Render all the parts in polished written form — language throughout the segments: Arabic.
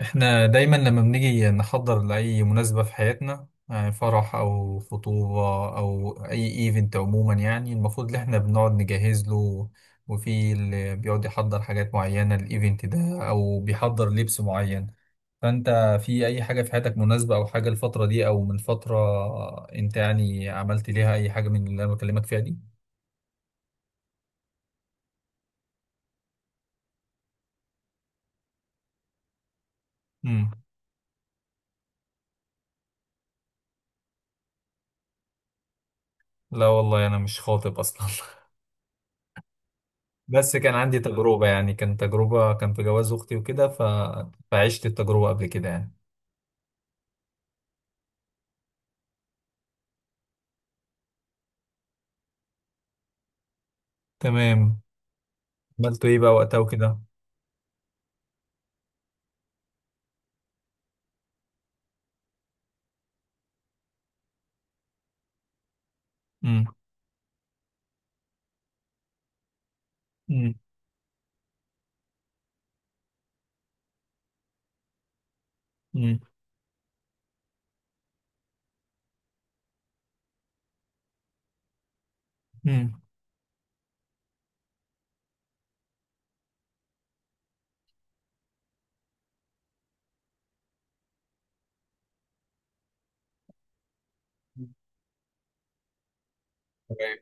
احنا دايما لما بنيجي نحضر لأي مناسبة في حياتنا، يعني فرح أو خطوبة أو أي ايفنت عموما، يعني المفروض إن احنا بنقعد نجهز له، وفي اللي بيقعد يحضر حاجات معينة للايفنت ده أو بيحضر لبس معين. فأنت في أي حاجة في حياتك مناسبة أو حاجة الفترة دي أو من فترة، أنت يعني عملت ليها أي حاجة من اللي أنا بكلمك فيها دي؟ مم. لا والله أنا مش خاطب أصلا. بس كان عندي تجربة، يعني كان في جواز أختي وكده. فعشت التجربة قبل كده يعني. تمام. عملت إيه بقى وقتها وكده. مم. مم. مم. مم. تمام.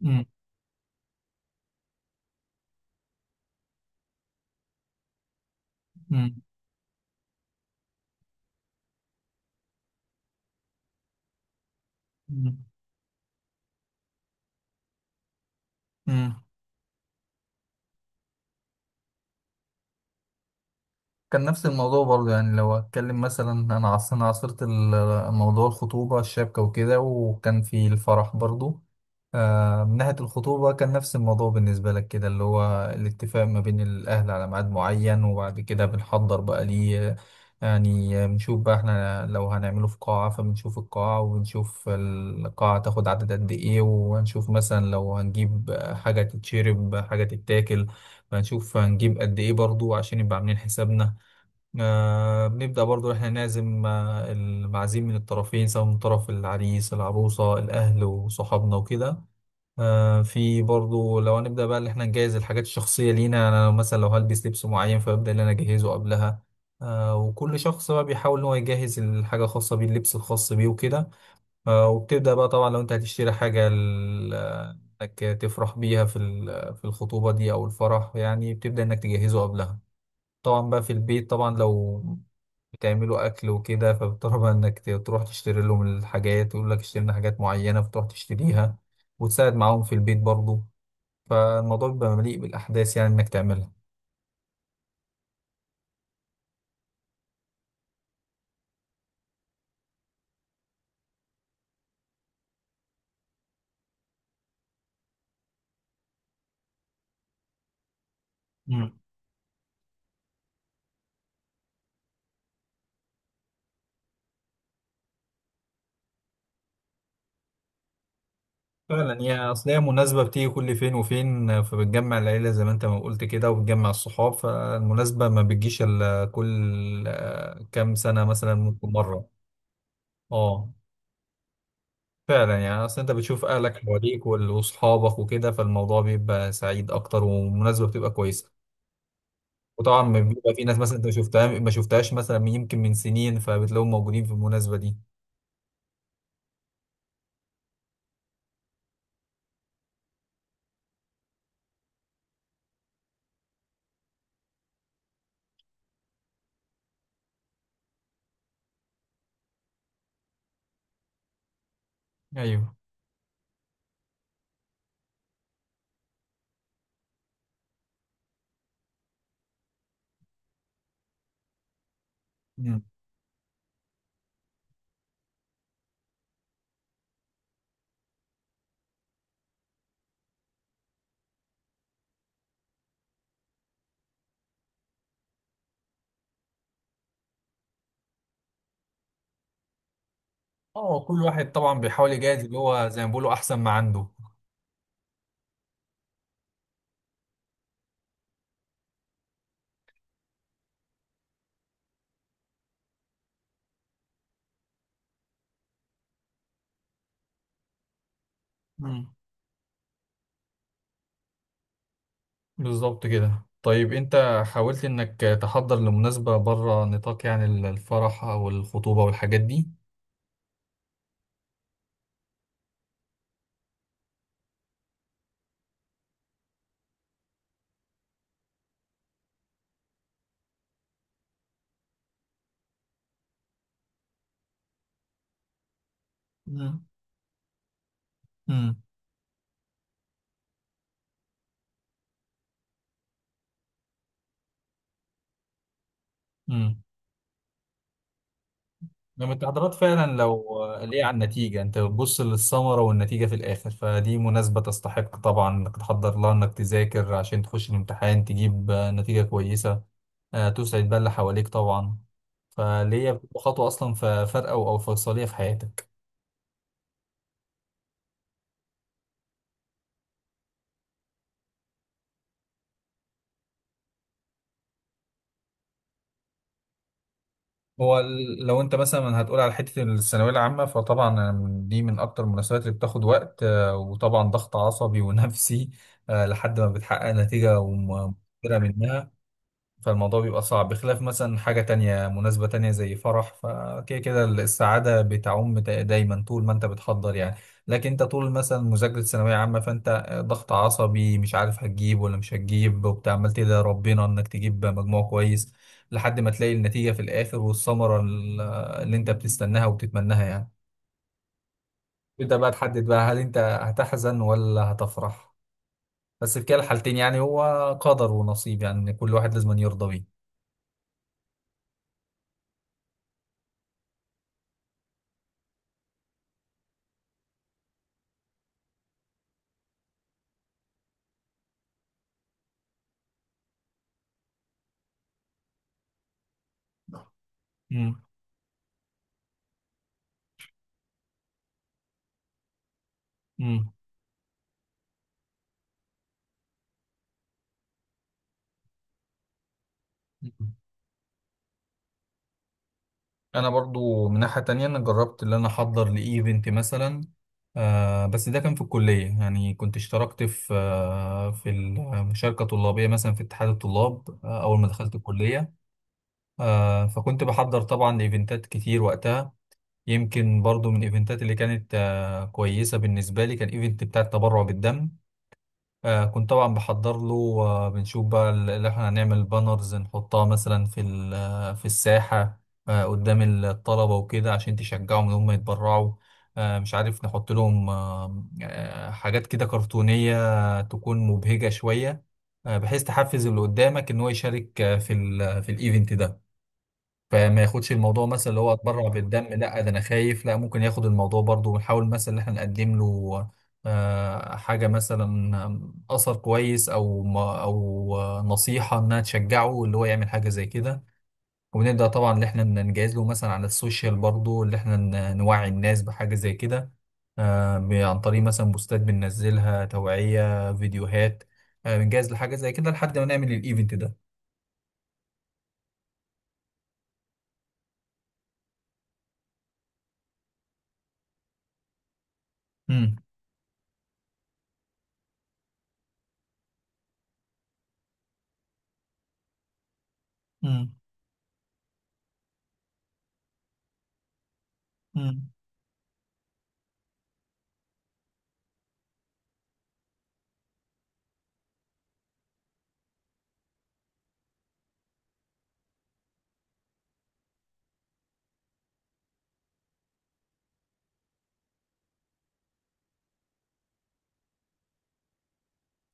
مم. مم. مم. كان نفس الموضوع برضه، يعني لو اتكلم مثلا، انا عاصرت موضوع الخطوبة الشبكة وكده، وكان في الفرح برضه. من ناحية الخطوبة كان نفس الموضوع بالنسبة لك كده، اللي هو الاتفاق ما بين الأهل على ميعاد معين، وبعد كده بنحضر بقى ليه. يعني بنشوف بقى احنا لو هنعمله في قاعة، فبنشوف القاعة، وبنشوف القاعة تاخد عدد قد ايه، وهنشوف مثلا لو هنجيب حاجة تتشرب حاجة تتاكل، فنشوف هنجيب قد ايه برضو عشان يبقى عاملين حسابنا. بنبدأ برضو إحنا نعزم المعازيم من الطرفين، سواء من طرف العريس العروسة الأهل وصحابنا وكده. في برضو لو هنبدأ بقى إن إحنا نجهز الحاجات الشخصية لينا، يعني أنا لو مثلا لو هلبس لبس معين فببدأ إن أنا أجهزه قبلها. وكل شخص بقى بيحاول إن هو يجهز الحاجة الخاصة بيه، اللبس الخاص بيه وكده. وبتبدأ بقى طبعا لو أنت هتشتري حاجة إنك تفرح بيها في في الخطوبة دي أو الفرح، يعني بتبدأ إنك تجهزه قبلها. طبعا بقى في البيت، طبعا لو بتعملوا اكل وكده، فبتضطر بقى انك تروح تشتري لهم الحاجات، يقول لك اشتري لنا حاجات معينه فتروح تشتريها، وتساعد معاهم في البيت برضو. فالموضوع بيبقى مليء بالاحداث، يعني انك تعملها. مم. فعلا، هي اصل هي مناسبه بتيجي كل فين وفين، فبتجمع العيله زي ما انت ما قلت كده، وبتجمع الصحاب، فالمناسبه ما بتجيش الا كل كام سنه مثلا ممكن مره. اه، فعلا، يعني اصل انت بتشوف اهلك حواليك واصحابك وكده، فالموضوع بيبقى سعيد اكتر، والمناسبه بتبقى كويسه. وطبعا بيبقى في ناس مثلا انت ما شفتها ما شفتهاش مثلا يمكن من سنين، فبتلاقيهم موجودين في المناسبه دي. ايوه. امم. اه، كل واحد طبعا بيحاول يجهز اللي هو زي ما بيقولوا احسن ما عنده. امم. بالظبط كده. طيب انت حاولت انك تحضر لمناسبه بره نطاق، يعني الفرح او الخطوبه والحاجات دي. امم. امم. لما التحضيرات فعلا لو ليه على النتيجة، انت بتبص للثمرة والنتيجة في الآخر، فدي مناسبة تستحق طبعا انك تحضر لها، انك تذاكر عشان تخش الامتحان تجيب نتيجة كويسة. تسعد بقى اللي حواليك طبعا. فليه بتبقى خطوة أصلا فارقة أو فيصلية في حياتك. هو لو انت مثلا هتقول على حتة الثانوية العامة فطبعا دي من أكتر المناسبات اللي بتاخد وقت، وطبعا ضغط عصبي ونفسي، لحد ما بتحقق نتيجة ومثمرة منها. فالموضوع بيبقى صعب بخلاف مثلا حاجة تانية، مناسبة تانية زي فرح، فكده كده السعادة بتعم دايما طول ما انت بتحضر يعني. لكن انت طول مثلا مذاكرة ثانوية عامة، فانت ضغط عصبي، مش عارف هتجيب ولا مش هتجيب، وبتعمل تدعي ربنا انك تجيب مجموع كويس، لحد ما تلاقي النتيجة في الآخر والثمرة اللي انت بتستناها وبتتمناها يعني. تبدأ بقى تحدد بقى هل انت هتحزن ولا هتفرح، بس في كلا الحالتين يعني هو قدر ونصيب، يعني كل واحد لازم يرضى بيه. مم. مم. انا برضو من ناحية تانية، انا جربت اللي انا احضر لايفنت مثلا، بس ده كان في الكلية، يعني كنت اشتركت في في المشاركة طلابية مثلا في اتحاد الطلاب، اول ما دخلت الكلية. فكنت بحضر طبعا لايفنتات كتير وقتها. يمكن برضو من الايفنتات اللي كانت كويسة بالنسبة لي كان ايفنت بتاع التبرع بالدم. كنت طبعا بحضر له. بنشوف بقى اللي احنا هنعمل بانرز نحطها مثلا في في الساحة، قدام الطلبة وكده عشان تشجعهم ان هم يتبرعوا. مش عارف نحط لهم حاجات كده كرتونية تكون مبهجة شوية، بحيث تحفز اللي قدامك ان هو يشارك في في الايفنت ده. فما ياخدش الموضوع مثلا اللي هو اتبرع بالدم، لا ده انا خايف، لا ممكن ياخد الموضوع برضو، ونحاول مثلا ان احنا نقدم له حاجة مثلا، أثر كويس أو نصيحة إنها تشجعه اللي هو يعمل حاجة زي كده. وبنبدأ طبعا اللي إحنا نجهز له مثلا على السوشيال برضو، اللي إحنا نوعي الناس بحاجة زي كده، عن طريق مثلا بوستات بننزلها توعية فيديوهات، بنجهز لحاجة زي كده لحد ما نعمل الإيفنت ده. مم. مم. مم.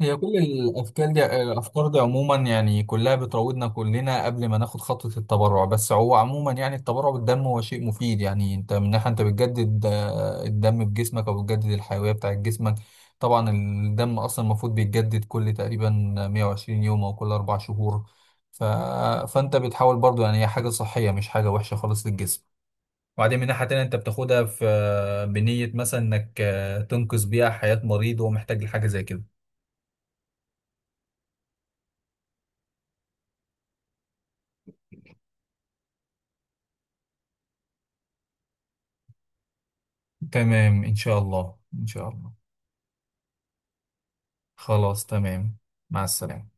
هي كل الافكار دي عموما يعني كلها بتراودنا كلنا قبل ما ناخد خطوه التبرع. بس هو عموما يعني التبرع بالدم هو شيء مفيد، يعني انت من ناحيه انت بتجدد الدم في جسمك او بتجدد الحيويه بتاعت جسمك. طبعا الدم اصلا المفروض بيتجدد كل تقريبا 120 يوم او كل اربع شهور. ف... فانت بتحاول برضو، يعني هي حاجه صحيه مش حاجه وحشه خالص للجسم. وبعدين من ناحية تانية، انت بتاخدها في بنية مثلا انك تنقذ بيها حياة مريض وهو محتاج لحاجة زي كده. تمام، إن شاء الله إن شاء الله. خلاص تمام. مع السلامة.